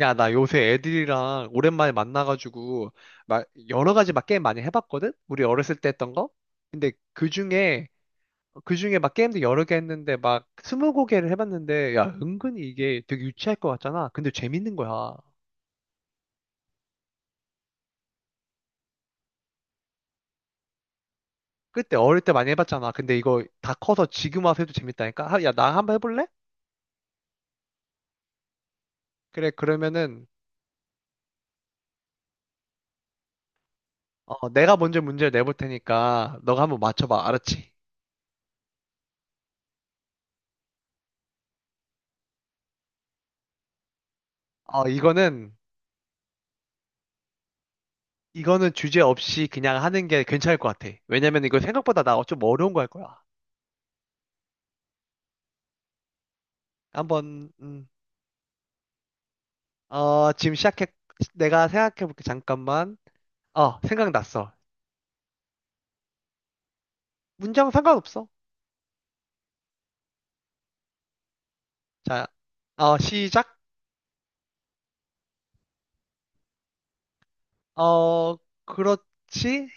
야, 나 요새 애들이랑 오랜만에 만나가지고, 막, 여러 가지 막 게임 많이 해봤거든? 우리 어렸을 때 했던 거? 근데 그 중에 막 게임도 여러 개 했는데, 막, 스무 고개를 해봤는데, 야, 은근히 이게 되게 유치할 것 같잖아? 근데 재밌는 거야. 그때 어릴 때 많이 해봤잖아. 근데 이거 다 커서 지금 와서 해도 재밌다니까? 야, 나 한번 해볼래? 그래, 그러면은, 내가 먼저 문제를 내볼 테니까, 너가 한번 맞춰봐. 알았지? 어, 이거는, 이거는 주제 없이 그냥 하는 게 괜찮을 것 같아. 왜냐면 이거 생각보다 나 좀 어려운 거 할 거야. 한번, 음, 지금 시작해. 내가 생각해 볼게. 잠깐만. 생각났어. 문장 상관없어. 자, 시작. 어, 그렇지.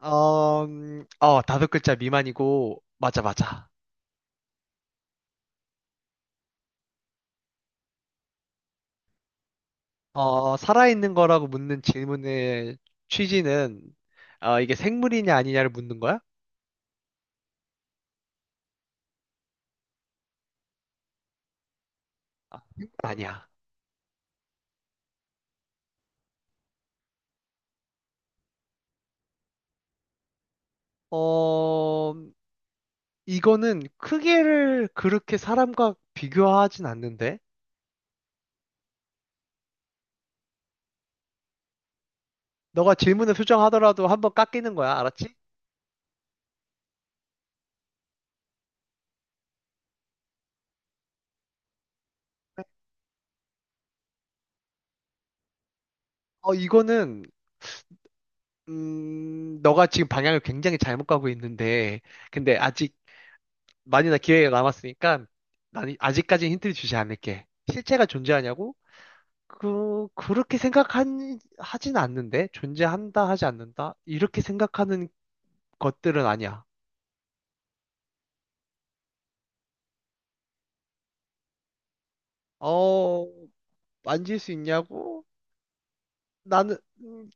다섯 글자 미만이고, 맞아, 맞아. 살아있는 거라고 묻는 질문의 취지는, 이게 생물이냐 아니냐를 묻는 거야? 아니야. 어, 이거는 크기를 그렇게 사람과 비교하진 않는데? 너가 질문을 수정하더라도 한번 깎이는 거야, 알았지? 어, 이거는, 너가 지금 방향을 굉장히 잘못 가고 있는데, 근데 아직 많이나 기회가 남았으니까, 난 아직까지 힌트를 주지 않을게. 실체가 존재하냐고? 하진 않는데? 존재한다, 하지 않는다? 이렇게 생각하는 것들은 아니야. 어, 만질 수 있냐고? 나는, 음,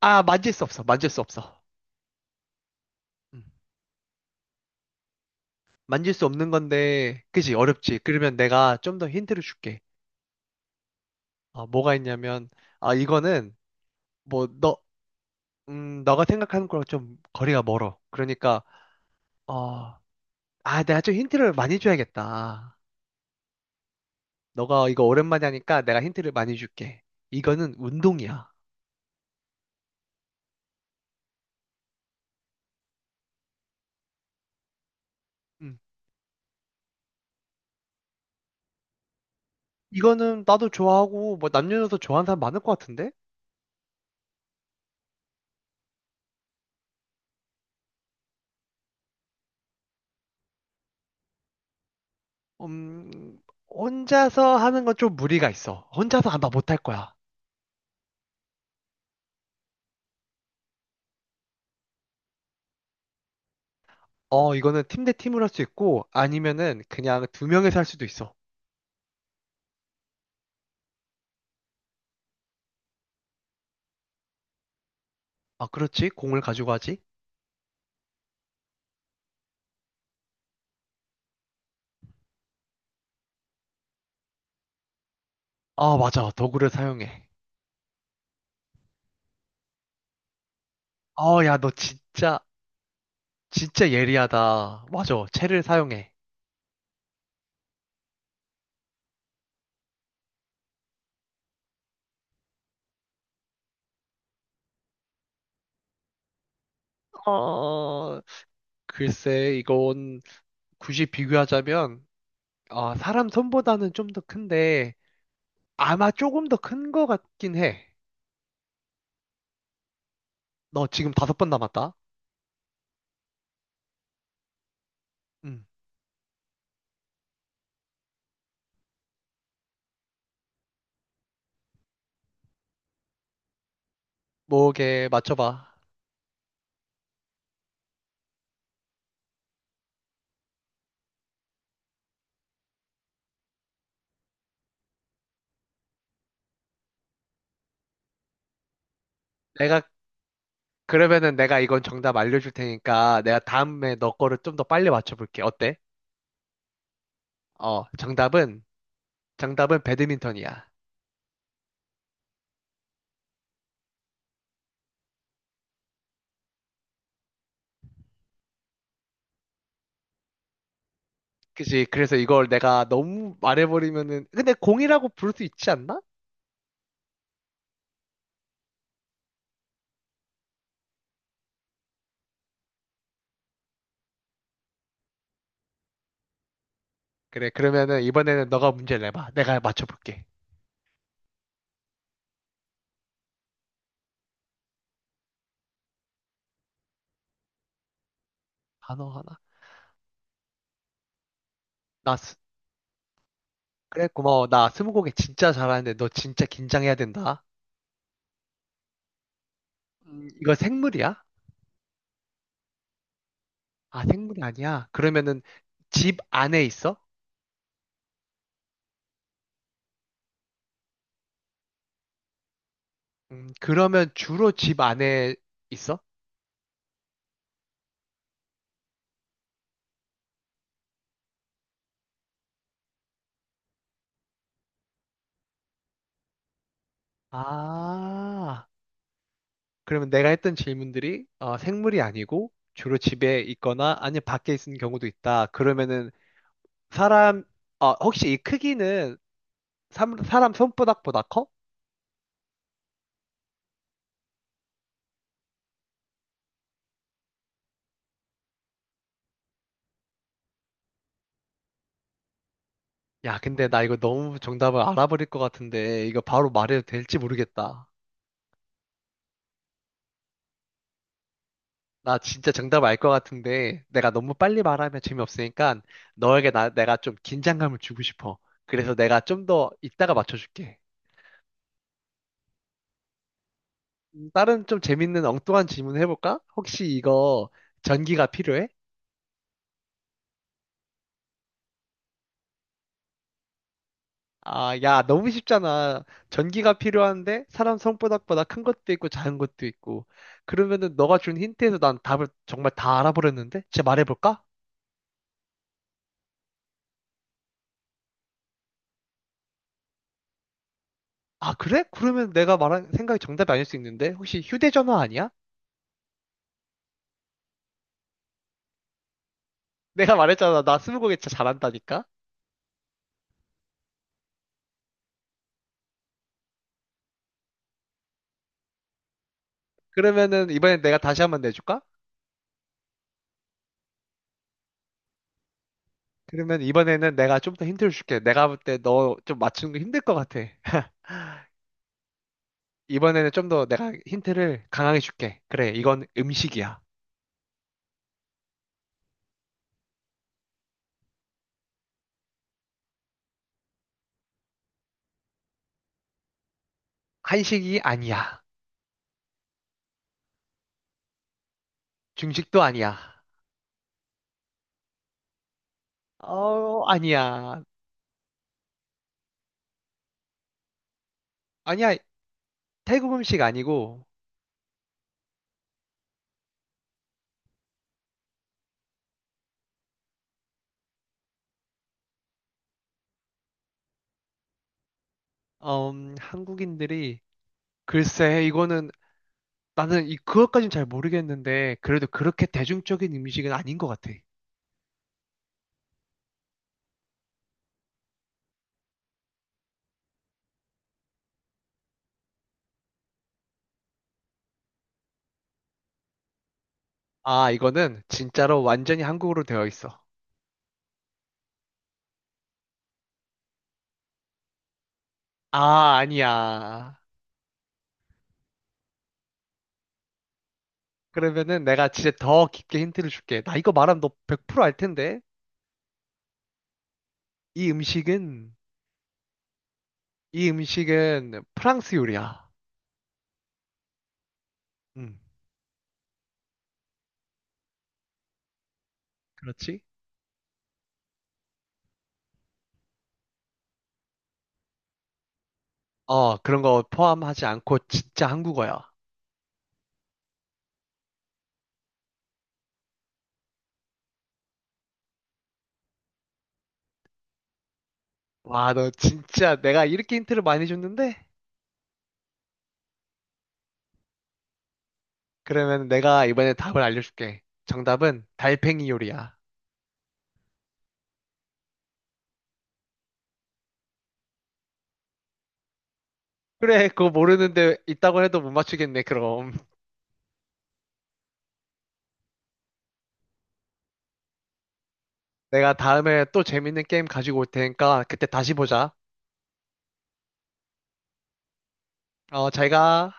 아, 만질 수 없어. 만질 수 없어. 음. 만질 수 없는 건데, 그지? 어렵지. 그러면 내가 좀 더 힌트를 줄게. 아, 뭐가 있냐면, 아, 이거는, 뭐, 너, 너가 생각하는 거랑 좀 거리가 멀어. 그러니까, 어, 내가 좀 힌트를 많이 줘야겠다. 너가 이거 오랜만에 하니까 내가 힌트를 많이 줄게. 이거는 운동이야. 음. 이거는 나도 좋아하고, 뭐, 남녀노소 좋아하는 사람 많을 것 같은데? 음, 혼자서 하는 건 좀 무리가 있어. 혼자서 아마 못할 거야. 어, 이거는 팀 대 팀으로 할 수 있고, 아니면은 그냥 두 명에서 할 수도 있어. 아, 그렇지. 공을 가지고 하지. 아, 맞아. 도구를 사용해. 야, 진짜 예리하다. 맞아. 채를 사용해. 어, 글쎄, 이건 굳이 비교하자면, 아, 사람 손보다는 좀 더 큰데, 아마 조금 더 큰 거 같긴 해. 너 지금 다섯 번 남았다. 응. 뭐게, 맞춰봐. 내가 그러면은 내가 이건 정답 알려줄 테니까 내가 다음에 너 거를 좀 더 빨리 맞춰볼게. 어때? 어, 정답은, 정답은 배드민턴이야. 그치. 그래서 이걸 내가 너무 말해버리면은, 근데 공이라고 부를 수 있지 않나? 그래, 그러면은 이번에는 너가 문제를 내봐. 내가 맞춰볼게. 단어 하나. 나, 스- 그래, 고마워. 나 스무고개 진짜 잘하는데 너 진짜 긴장해야 된다. 이거 생물이야? 아, 생물이 아니야. 그러면은 집 안에 있어? 그러면 주로 집 안에 있어? 아, 그러면 내가 했던 질문들이 어, 생물이 아니고 주로 집에 있거나 아니면 밖에 있는 경우도 있다. 그러면은 사람, 혹시 이 크기는 사람 손바닥보다 커? 야, 근데 나 이거 너무 정답을 알아버릴 것 같은데 이거 바로 말해도 될지 모르겠다. 나 진짜 정답 알 것 같은데 내가 너무 빨리 말하면 재미없으니까 너에게 내가 좀 긴장감을 주고 싶어. 그래서 내가 좀 더 이따가 맞춰줄게. 다른 좀 재밌는 엉뚱한 질문 해볼까? 혹시 이거 전기가 필요해? 아, 야, 너무 쉽잖아. 전기가 필요한데 사람 손바닥보다 큰 것도 있고 작은 것도 있고. 그러면은 너가 준 힌트에서 난 답을 정말 다 알아버렸는데? 제 말해볼까? 아, 그래? 그러면 내가 말한 생각이 정답이 아닐 수 있는데? 혹시 휴대전화 아니야? 내가 말했잖아. 나 스무고개 진짜 잘한다니까? 그러면은 이번엔 내가 다시 한번 내줄까? 그러면 이번에는 내가 좀 더 힌트를 줄게. 내가 볼 때 너 좀 맞추는 거 힘들 것 같아. 이번에는 좀 더 내가 힌트를 강하게 줄게. 그래, 이건 음식이야. 한식이 아니야. 중식도 아니야. 아니야. 아니야. 태국 음식 아니고, 음, 한국인들이, 글쎄, 이거는, 그것까진 잘 모르겠는데, 그래도 그렇게 대중적인 음식은 아닌 것 같아. 아, 이거는 진짜로 완전히 한국으로 되어 있어. 아, 아니야. 그러면은 내가 진짜 더 깊게 힌트를 줄게. 나 이거 말하면 너 100%알 텐데? 이 음식은 이 음식은 프랑스 요리야. 음. 그렇지? 어, 그런 거 포함하지 않고 진짜 한국어야. 와, 너 진짜 내가 이렇게 힌트를 많이 줬는데? 그러면 내가 이번에 답을 알려줄게. 정답은 달팽이 요리야. 그래, 그거 모르는데 있다고 해도 못 맞추겠네, 그럼. 내가 다음에 또 재밌는 게임 가지고 올 테니까 그때 다시 보자. 어, 잘 가.